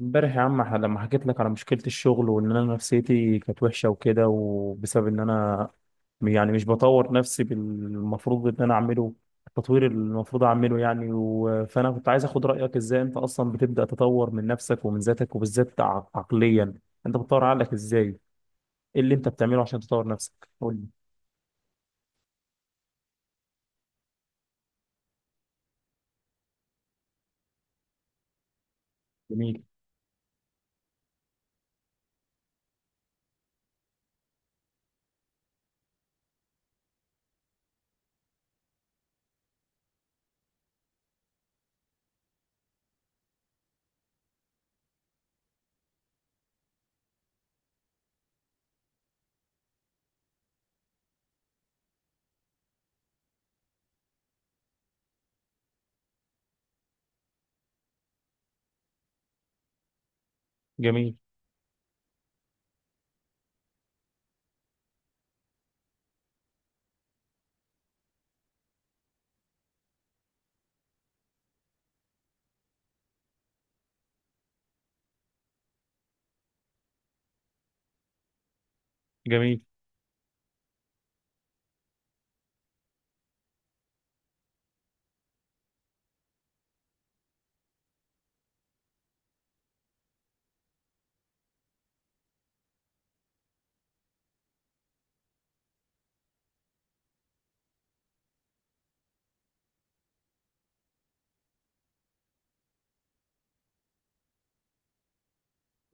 امبارح يا عم لما حكيت لك على مشكلة الشغل وان انا نفسيتي كانت وحشة وكده، وبسبب ان انا يعني مش بطور نفسي بالمفروض ان انا اعمله، التطوير اللي المفروض اعمله يعني فانا كنت عايز اخد رأيك ازاي انت اصلا بتبدأ تطور من نفسك ومن ذاتك، وبالذات عقليا. انت بتطور عقلك ازاي؟ ايه اللي انت بتعمله عشان تطور نفسك؟ قول لي. جميل. جميل. جميل.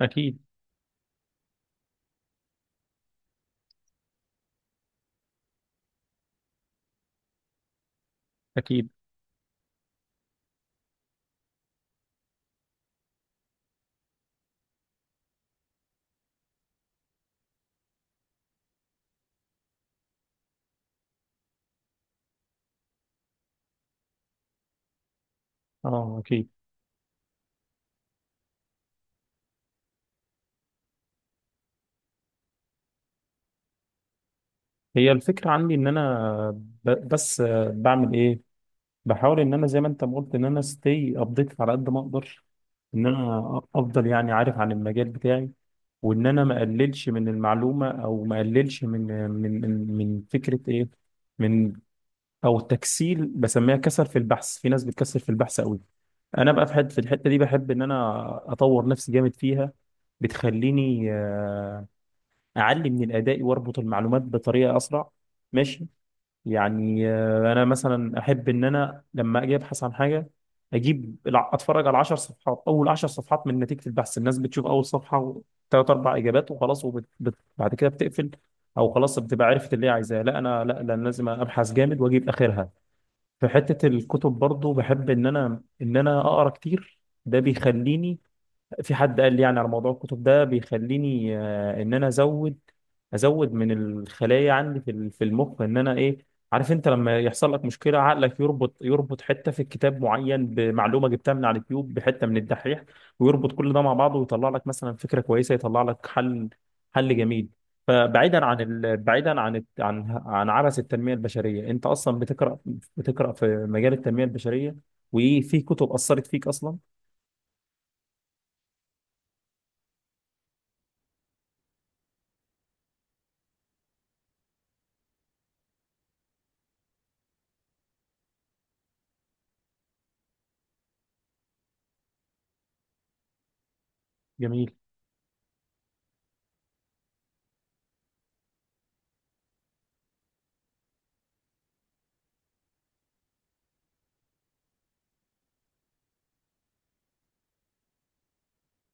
اكيد. اكيد. اه، اكيد. هي الفكرة عندي ان انا بس بعمل ايه؟ بحاول ان انا زي ما انت ما قلت، ان انا ستي ابديت على قد ما اقدر، ان انا افضل يعني عارف عن المجال بتاعي، وان انا ما اقللش من المعلومه، او ما اقللش من من فكره ايه، من او تكسيل، بسميها كسل في البحث. في ناس بتكسل في البحث قوي. انا بقى في حته، في الحته دي، بحب ان انا اطور نفسي جامد فيها. بتخليني اعلي من الاداء واربط المعلومات بطريقه اسرع. ماشي. يعني انا مثلا احب ان انا لما اجي ابحث عن حاجه، اتفرج على 10 صفحات، اول 10 صفحات من نتيجه البحث. الناس بتشوف اول صفحه، ثلاث اربع اجابات وخلاص، بعد كده بتقفل، او خلاص بتبقى عرفت اللي هي عايزاه. لا انا، لا لا، أنا لازم ابحث جامد واجيب اخرها. في حته الكتب برضو بحب ان انا اقرا كتير. ده بيخليني، في حد قال لي يعني على موضوع الكتب، ده بيخليني ان انا ازود، من الخلايا عندي في المخ، ان انا ايه، عارف، انت لما يحصل لك مشكله عقلك يربط، حته في الكتاب معين بمعلومه جبتها من على اليوتيوب، بحته من الدحيح، ويربط كل ده مع بعضه ويطلع لك مثلا فكره كويسه، يطلع لك حل. حل جميل. فبعيدا عن بعيدا عن عبث التنميه البشريه، انت اصلا بتقرا في مجال التنميه البشريه؟ وايه في كتب اثرت فيك اصلا؟ جميل.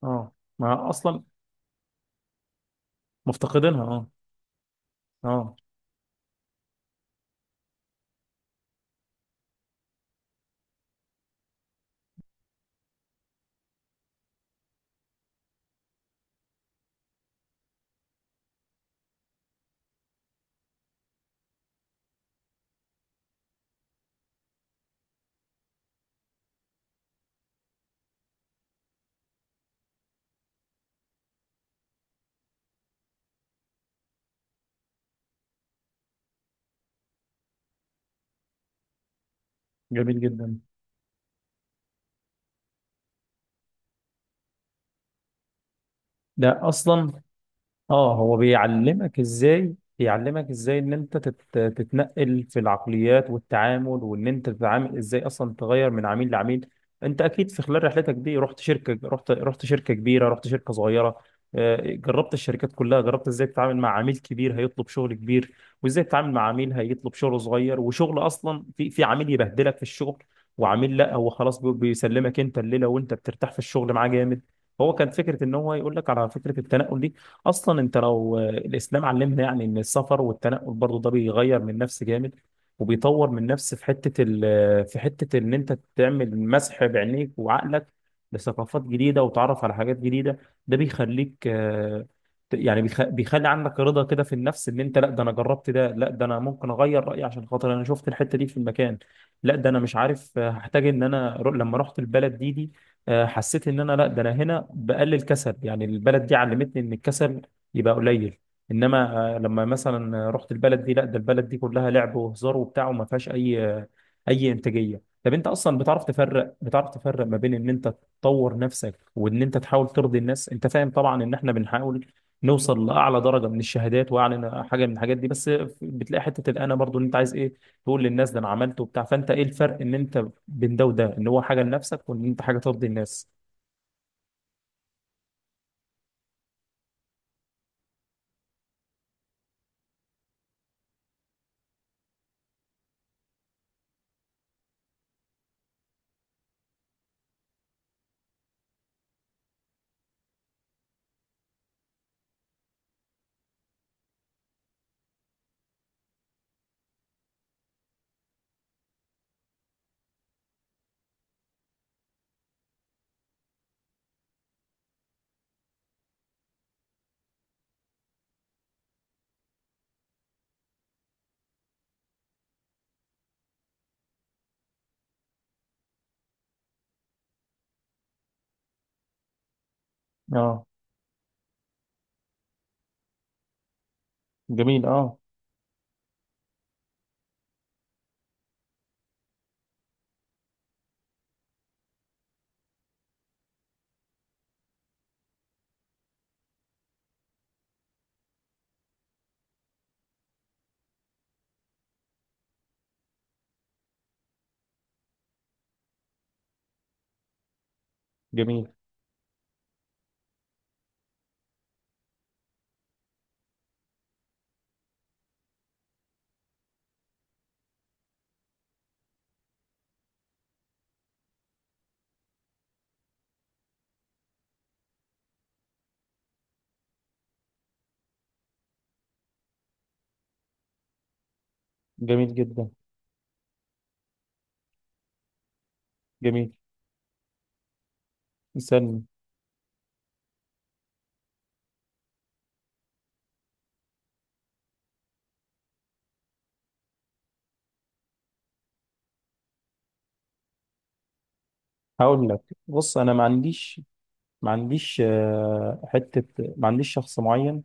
اه، ما اصلا. مفتقدينها، اه. اه. جميل جدا. ده اصلا، اه، هو بيعلمك ازاي، ان انت تتنقل في العقليات والتعامل، وان انت تتعامل ازاي اصلا، تغير من عميل لعميل. انت اكيد في خلال رحلتك دي رحت شركة، رحت شركة كبيرة، رحت شركة صغيرة. جربت الشركات كلها، جربت ازاي تتعامل مع عميل كبير هيطلب شغل كبير، وازاي تتعامل مع عميل هيطلب شغل صغير. وشغل اصلا في عميل يبهدلك في الشغل، وعميل لا، هو خلاص بيسلمك انت الليلة، وانت بترتاح في الشغل معاه جامد. هو كان فكرة ان هو يقول لك على فكرة التنقل دي. اصلا انت لو الاسلام علمنا يعني ان السفر والتنقل برضو ده بيغير من نفس جامد، وبيطور من نفس في حته ال آه، في حته ان انت تعمل مسح بعينيك وعقلك لثقافات جديده، وتعرف على حاجات جديده. ده بيخليك، يعني بيخلي عندك رضا كده في النفس، ان انت لا، ده انا جربت ده، لا ده انا ممكن اغير رايي عشان خاطر انا شفت الحته دي في المكان. لا ده انا مش عارف، هحتاج ان انا، لما رحت البلد دي، حسيت ان انا لا، ده انا هنا بقلل كسل، يعني البلد دي علمتني ان الكسل يبقى قليل. انما لما مثلا رحت البلد دي، لا ده البلد دي كلها لعب وهزار وبتاع، وما فيهاش اي اي انتاجيه. طب انت اصلا بتعرف تفرق، بتعرف تفرق ما بين ان انت تطور نفسك، وان انت تحاول ترضي الناس. انت فاهم طبعا ان احنا بنحاول نوصل لاعلى درجه من الشهادات واعلى حاجه من الحاجات دي، بس بتلاقي حته الانا برضو، ان انت عايز ايه، تقول للناس ده انا عملت وبتاع. فانت ايه الفرق ان انت بين ده وده؟ ان هو حاجه لنفسك، وان انت حاجه ترضي الناس. اه. جميل. اه. جميل. جميل جدا. جميل. استنى. هقول لك. بص، انا ما عنديش، ما عنديش حته، ما عنديش شخص معين.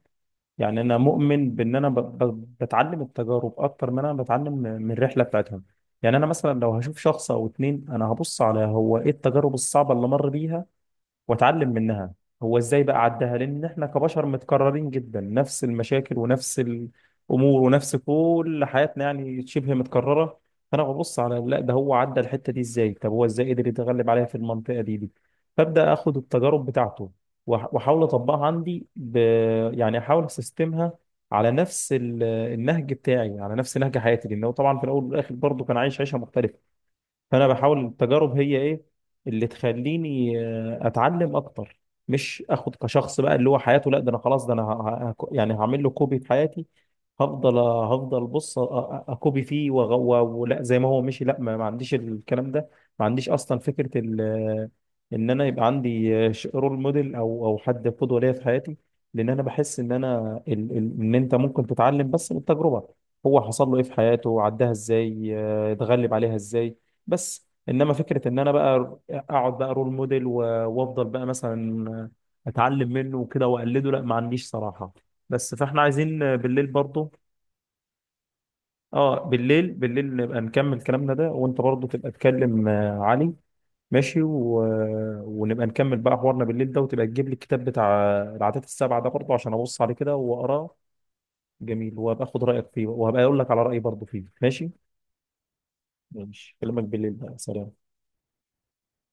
يعني انا مؤمن بان انا بتعلم التجارب اكتر ما انا بتعلم من الرحله بتاعتهم. يعني انا مثلا لو هشوف شخص او اتنين، انا هبص على هو ايه التجارب الصعبه اللي مر بيها، واتعلم منها. هو ازاي بقى عدها، لان احنا كبشر متكررين جدا، نفس المشاكل ونفس الامور ونفس كل حياتنا يعني شبه متكرره. فانا ببص على لا ده هو عدى الحته دي ازاي، طب هو ازاي قدر يتغلب عليها في المنطقه دي فابدا اخد التجارب بتاعته، واحاول اطبقها عندي يعني احاول اسيستمها على نفس النهج بتاعي، على نفس نهج حياتي، لانه طبعا في الاول والاخر برضه كان عايش عيشه مختلفه. فانا بحاول التجارب هي ايه اللي تخليني اتعلم اكتر. مش اخد كشخص بقى اللي هو حياته، لا ده انا خلاص، ده انا يعني هعمل له كوبي في حياتي. هفضل بص، اكوبي فيه، ولا زي ما هو مشي. لا، ما عنديش الكلام ده. ما عنديش اصلا فكره ان انا يبقى عندي رول موديل، او حد قدوه ليا في حياتي. لان انا بحس ان انا ان انت ممكن تتعلم بس من التجربه. هو حصل له ايه في حياته، عداها ازاي، اتغلب عليها ازاي. بس انما فكره ان انا بقى اقعد بقى رول موديل، وافضل بقى مثلا اتعلم منه وكده واقلده، لا، ما عنديش صراحه. بس فاحنا عايزين بالليل برضو. اه، بالليل، بالليل نبقى نكمل كلامنا ده، وانت برضو تبقى تكلم علي. ماشي. ونبقى نكمل بقى حوارنا بالليل ده، وتبقى تجيب لي الكتاب بتاع العادات السبعه ده برضو، عشان ابص عليه كده واقراه. جميل. وابقى اخد رايك فيه، وهبقى اقول لك على رايي برضو فيه. ماشي. ماشي. اكلمك بالليل بقى، سلام.